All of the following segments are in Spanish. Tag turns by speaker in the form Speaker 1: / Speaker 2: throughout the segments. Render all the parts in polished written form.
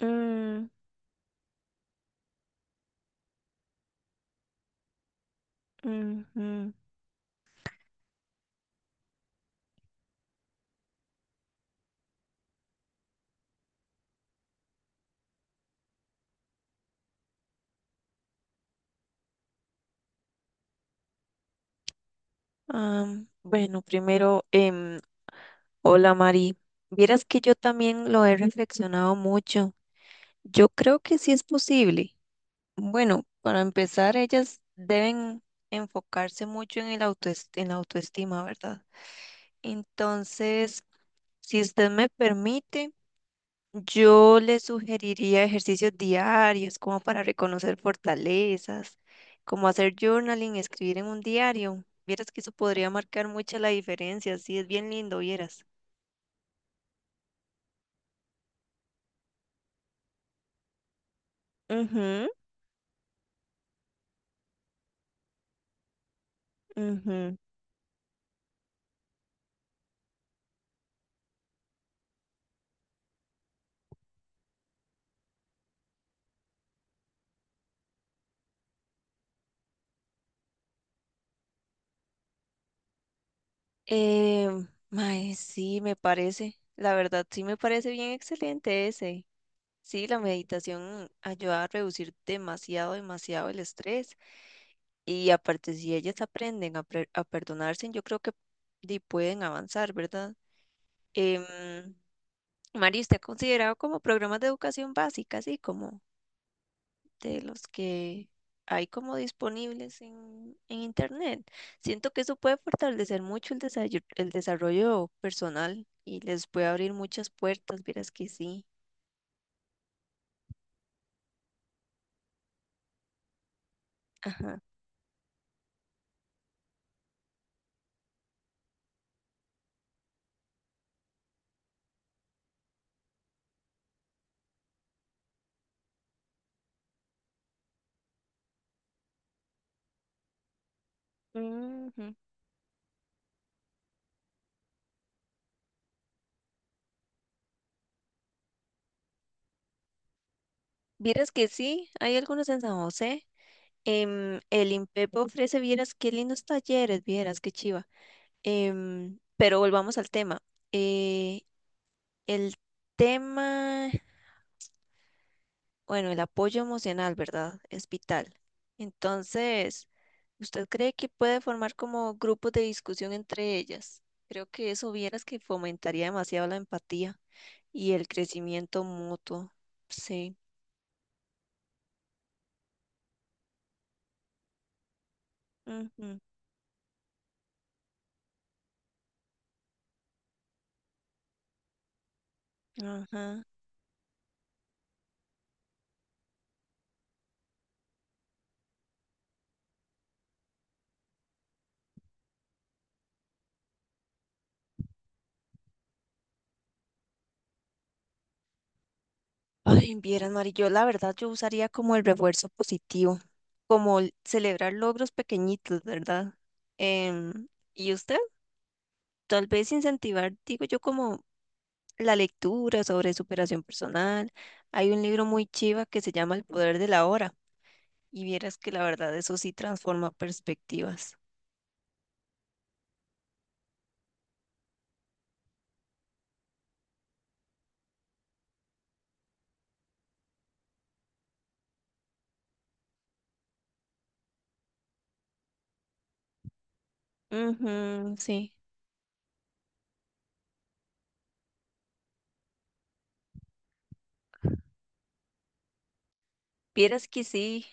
Speaker 1: Mm, ujú. Bueno, primero, hola Mari. Vieras que yo también lo he reflexionado mucho. Yo creo que sí es posible. Bueno, para empezar, ellas deben enfocarse mucho en en la autoestima, ¿verdad? Entonces, si usted me permite... Yo le sugeriría ejercicios diarios como para reconocer fortalezas, como hacer journaling, escribir en un diario. Vieras que eso podría marcar mucha la diferencia, sí, es bien lindo, vieras. Ujú, ujú. Eh, Mae, sí, me parece, la verdad, sí me parece bien excelente ese. Sí, la meditación ayuda a reducir demasiado el estrés. Y aparte, si ellas aprenden a perdonarse, yo creo que pueden avanzar, ¿verdad? Em, Mari, ¿usted ha considerado como programas de educación básica, así como de los que hay como disponibles en Internet? Siento que eso puede fortalecer mucho el desarrollo personal y les puede abrir muchas puertas, vieras que sí. Ajá. Ujú. Vieras que sí, hay algunos en San José. El INPEP ofrece, vieras qué lindos talleres, vieras qué chiva. Pero volvamos al tema. Eh, el tema Bueno, el apoyo emocional, ¿verdad? Es vital. Entonces, ¿usted cree que puede formar como grupos de discusión entre ellas? Creo que eso vieras que fomentaría demasiado la empatía y el crecimiento mutuo. Sí. Ujú, ajá. Ay, vieras, Mari, yo la verdad yo usaría como el refuerzo positivo, como el celebrar logros pequeñitos, ¿verdad? Em, ¿Y usted? Tal vez incentivar, digo yo, como la lectura sobre superación personal. Hay un libro muy chiva que se llama El poder de la hora y vieras que la verdad eso sí transforma perspectivas. Ujú, sí, vieras que sí,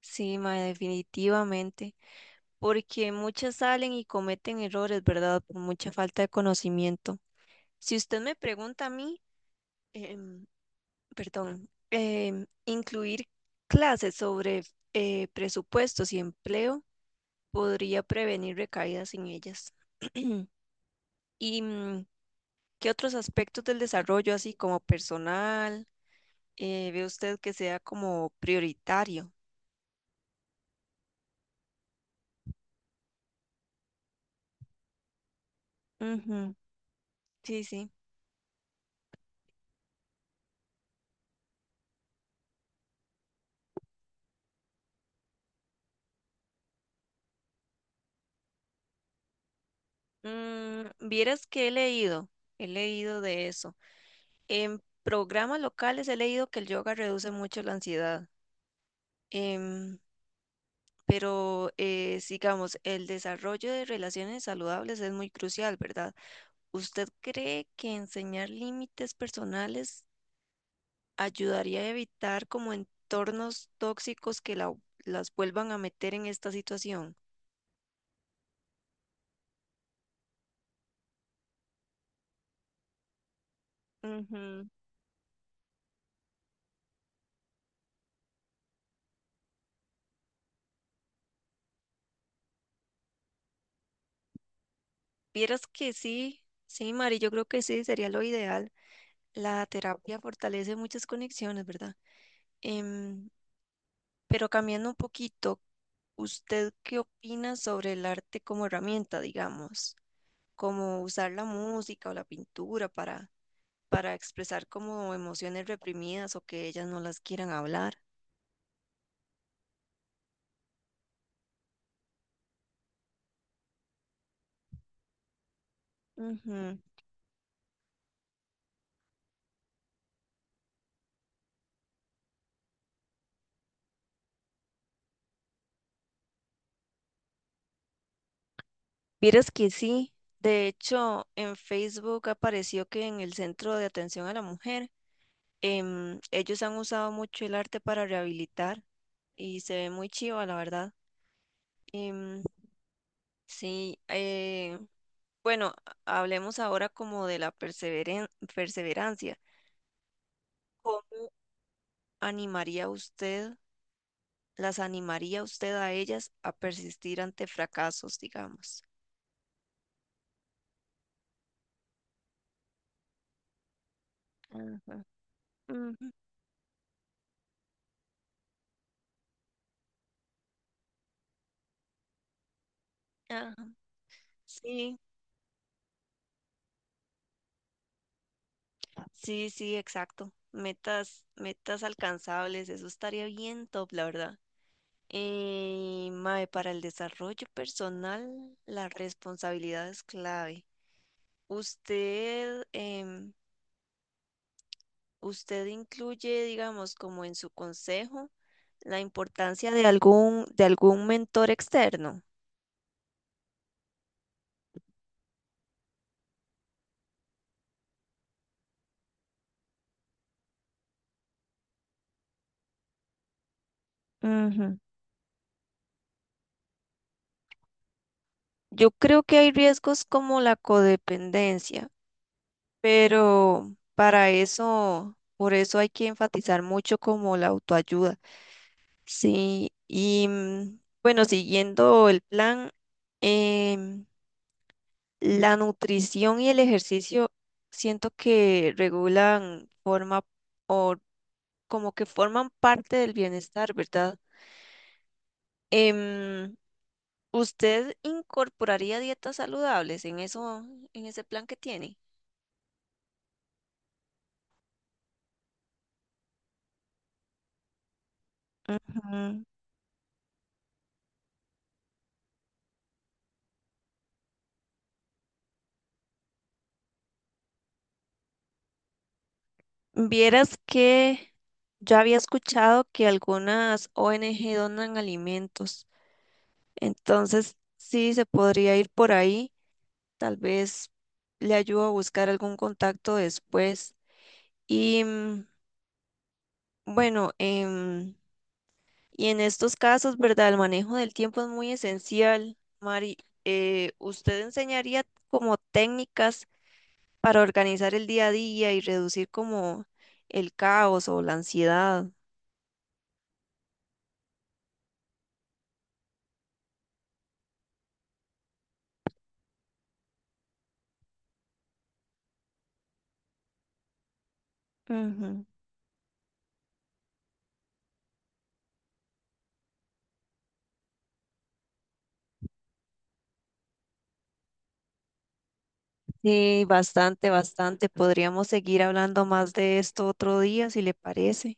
Speaker 1: sí, mae, definitivamente, porque muchas salen y cometen errores, ¿verdad? Por mucha falta de conocimiento. Si usted me pregunta a mí, em, perdón, incluir clases sobre presupuestos y empleo. Podría prevenir recaídas en ellas. ¿Y qué otros aspectos del desarrollo, así como personal, ve usted que sea como prioritario? Ujú, sí, sí. Mm, vieras que he leído de eso. En programas locales he leído que el yoga reduce mucho la ansiedad, em, sigamos, el desarrollo de relaciones saludables es muy crucial, ¿verdad? ¿Usted cree que enseñar límites personales ayudaría a evitar como entornos tóxicos que las vuelvan a meter en esta situación? Ujú. Vieras que sí, sí, Mari, yo creo que sí, sería lo ideal. La terapia fortalece muchas conexiones, ¿verdad? Em, pero cambiando un poquito, ¿usted qué opina sobre el arte como herramienta, digamos? Como usar la música o la pintura para expresar como emociones reprimidas o que ellas no las quieran hablar. Vieras que sí, de hecho en Facebook apareció que en el Centro de Atención a la Mujer ellos han usado mucho el arte para rehabilitar y se ve muy chiva, la verdad. Em, sí, eh, bueno, hablemos ahora como de perseverancia. ¿Cómo animaría usted, ¿Las animaría usted a ellas a persistir ante fracasos, digamos? Ajá, ujú, ajá, sí. Sí, sí, exacto. Metas, metas alcanzables, eso estaría bien top, la verdad. Mae, para el desarrollo personal, la responsabilidad es clave. Usted, em, usted incluye, digamos, como en su consejo, la importancia de de algún mentor externo. Ujú. Yo creo que hay riesgos como la codependencia. Por eso hay que enfatizar mucho como la autoayuda. Sí, y mm, bueno, siguiendo el plan, em, la nutrición y el ejercicio siento que regulan forma o como que forman parte del bienestar, ¿verdad? Em, ¿Usted incorporaría dietas saludables en eso, en ese plan que tiene? Ujú. Vieras que yo había escuchado que algunas ONG donan alimentos, entonces sí se podría ir por ahí, tal vez le ayudo a buscar algún contacto después. Y mm, bueno, y en estos casos, ¿verdad? El manejo del tiempo es muy esencial. Mari, ¿usted enseñaría como técnicas para organizar el día a día y reducir como el caos o la ansiedad? Ujú. Sí, bastante, bastante. Podríamos seguir hablando más de esto otro día, si le parece.